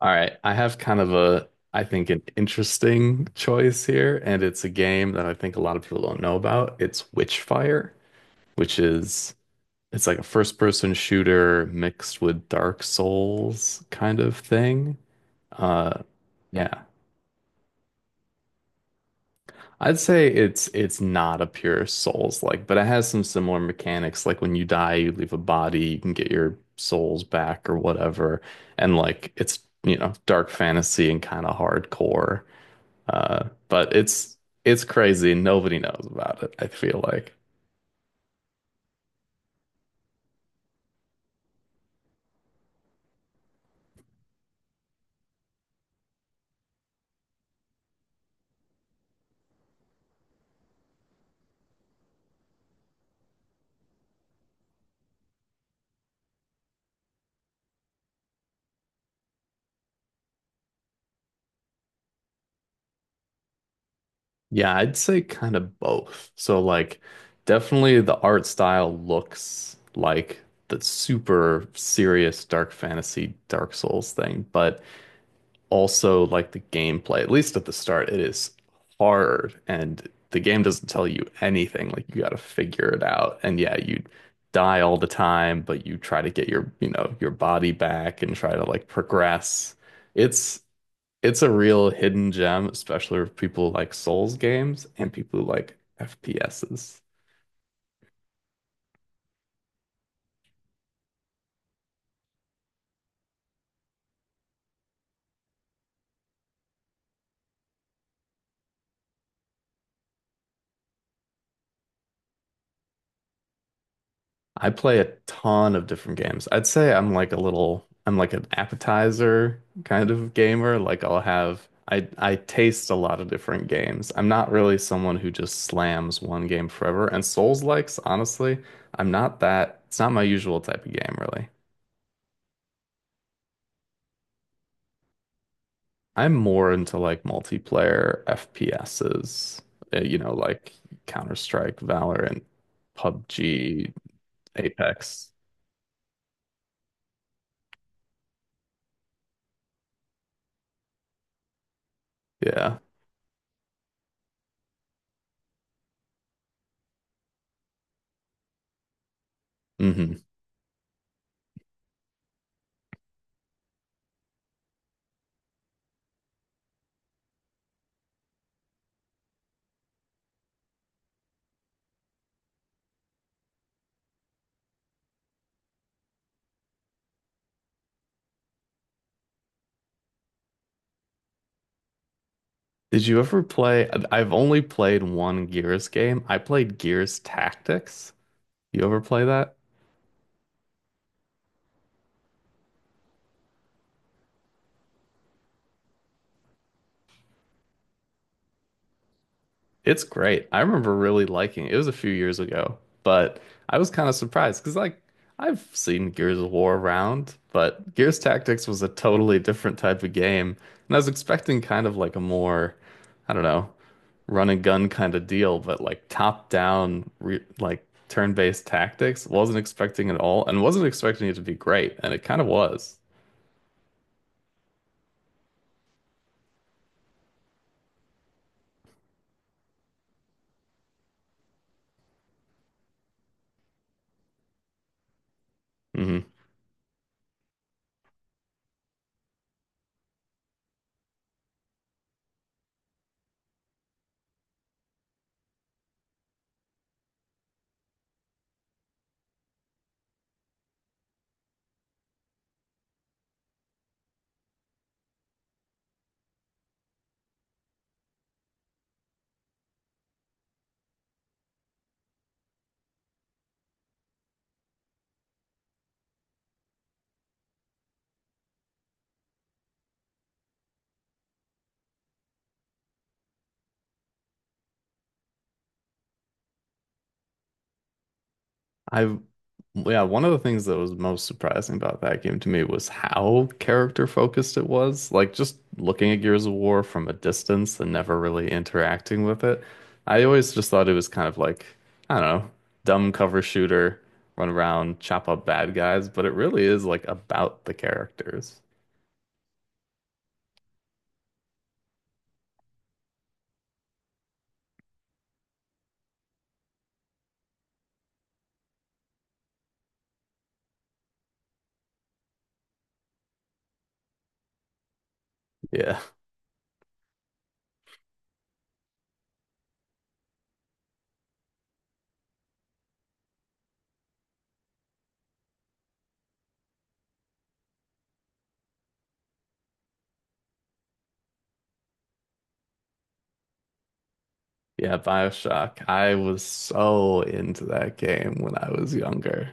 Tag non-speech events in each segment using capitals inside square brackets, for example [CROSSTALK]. All right, I have kind of a, I think, an interesting choice here, and it's a game that I think a lot of people don't know about. It's Witchfire, which is it's like a first-person shooter mixed with Dark Souls kind of thing. Uh, yeah, I'd say it's not a pure Souls-like, but it has some similar mechanics. Like when you die, you leave a body, you can get your souls back or whatever, and like it's you know dark fantasy and kind of hardcore. But it's crazy. Nobody knows about it, I feel like. Yeah, I'd say kind of both. So like definitely the art style looks like the super serious dark fantasy Dark Souls thing, but also like the gameplay, at least at the start, it is hard and the game doesn't tell you anything. Like you gotta figure it out. And yeah, you die all the time, but you try to get your, your body back and try to like progress. It's it's a real hidden gem, especially for people who like Souls games and people who like FPSs. I play a ton of different games. I'd say I'm like a little, I'm like an appetizer kind of gamer. Like I'll have, I taste a lot of different games. I'm not really someone who just slams one game forever. And Souls-likes, honestly, I'm not that, it's not my usual type of game, really. I'm more into like multiplayer FPSs, you know, like Counter-Strike, Valorant, PUBG, Apex. Yeah. Hmm. Did you ever play? I've only played one Gears game. I played Gears Tactics. You ever play that? It's great. I remember really liking it. It was a few years ago, but I was kind of surprised because, like, I've seen Gears of War around, but Gears Tactics was a totally different type of game. And I was expecting kind of like a more, I don't know, run and gun kind of deal, but like top down, re like turn-based tactics. Wasn't expecting it at all and wasn't expecting it to be great, and it kind of was. Hmm. I, yeah, one of the things that was most surprising about that game to me was how character focused it was. Like just looking at Gears of War from a distance and never really interacting with it. I always just thought it was kind of like, I don't know, dumb cover shooter, run around, chop up bad guys, but it really is like about the characters. Yeah. Yeah, BioShock. I was so into that game when I was younger.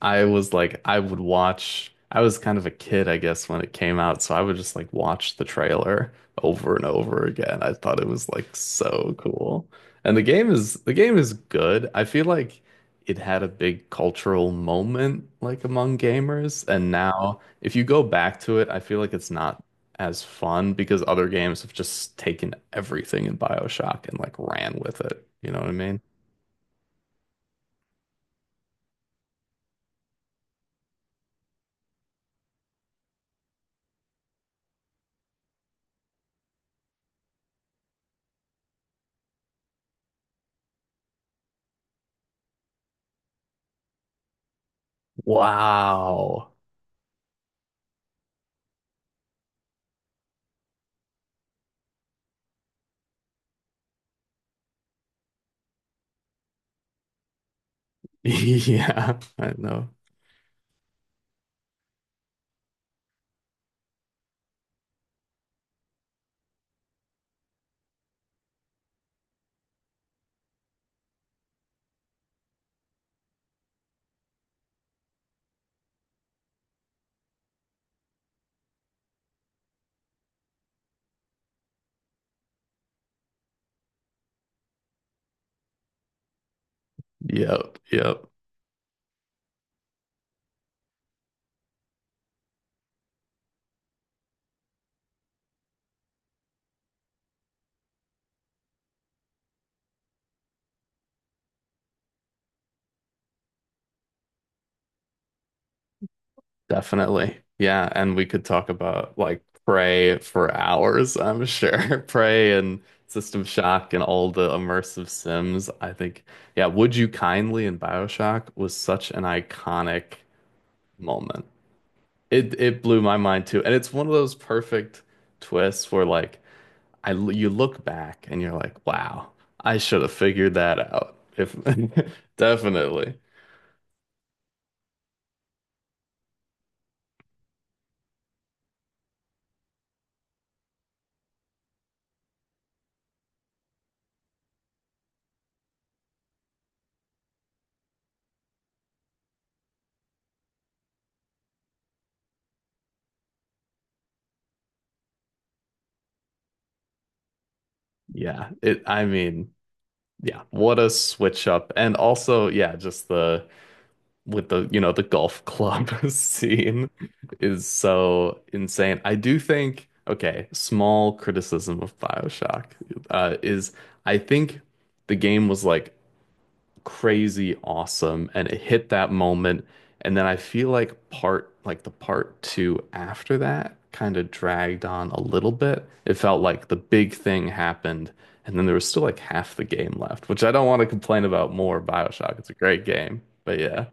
I was like, I would watch. I was kind of a kid, I guess, when it came out, so I would just like watch the trailer over and over again. I thought it was like so cool. And the game is good. I feel like it had a big cultural moment like among gamers, and now if you go back to it, I feel like it's not as fun because other games have just taken everything in BioShock and like ran with it. You know what I mean? Wow. [LAUGHS] Yeah, I know. Yep, yep, definitely. Yeah, and we could talk about like Prey for hours, I'm sure. [LAUGHS] Prey and System Shock and all the immersive sims. Yeah, Would You Kindly in BioShock was such an iconic moment. It blew my mind too. And it's one of those perfect twists where like you look back and you're like, wow, I should have figured that out. If [LAUGHS] definitely. Yeah, it I mean Yeah, what a switch up. And also, yeah, just the with the, you know, the golf club [LAUGHS] scene is so insane. I do think, okay, small criticism of BioShock is I think the game was like crazy awesome and it hit that moment and then I feel like part like the part two after that kind of dragged on a little bit. It felt like the big thing happened and then there was still like half the game left, which I don't want to complain about more BioShock. It's a great game. But yeah.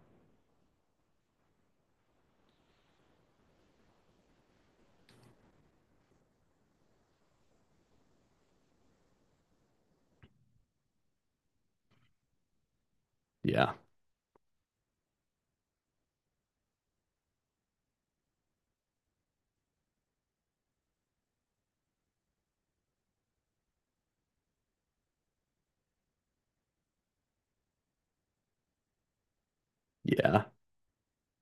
Yeah. Yeah.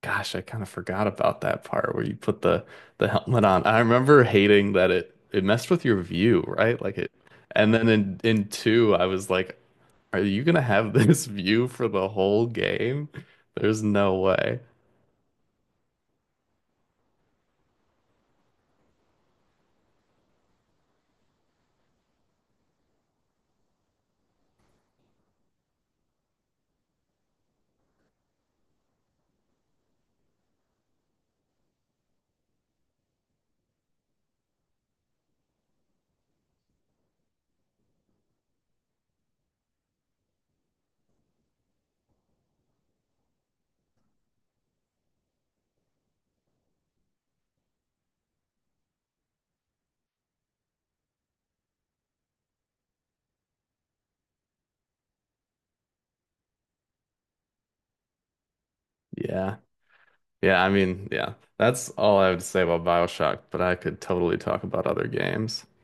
Gosh, I kind of forgot about that part where you put the helmet on. I remember hating that it messed with your view, right? And then in two, I was like, "Are you gonna have this [LAUGHS] view for the whole game? There's no way." Yeah, yeah. That's all I would say about BioShock, but I could totally talk about other games.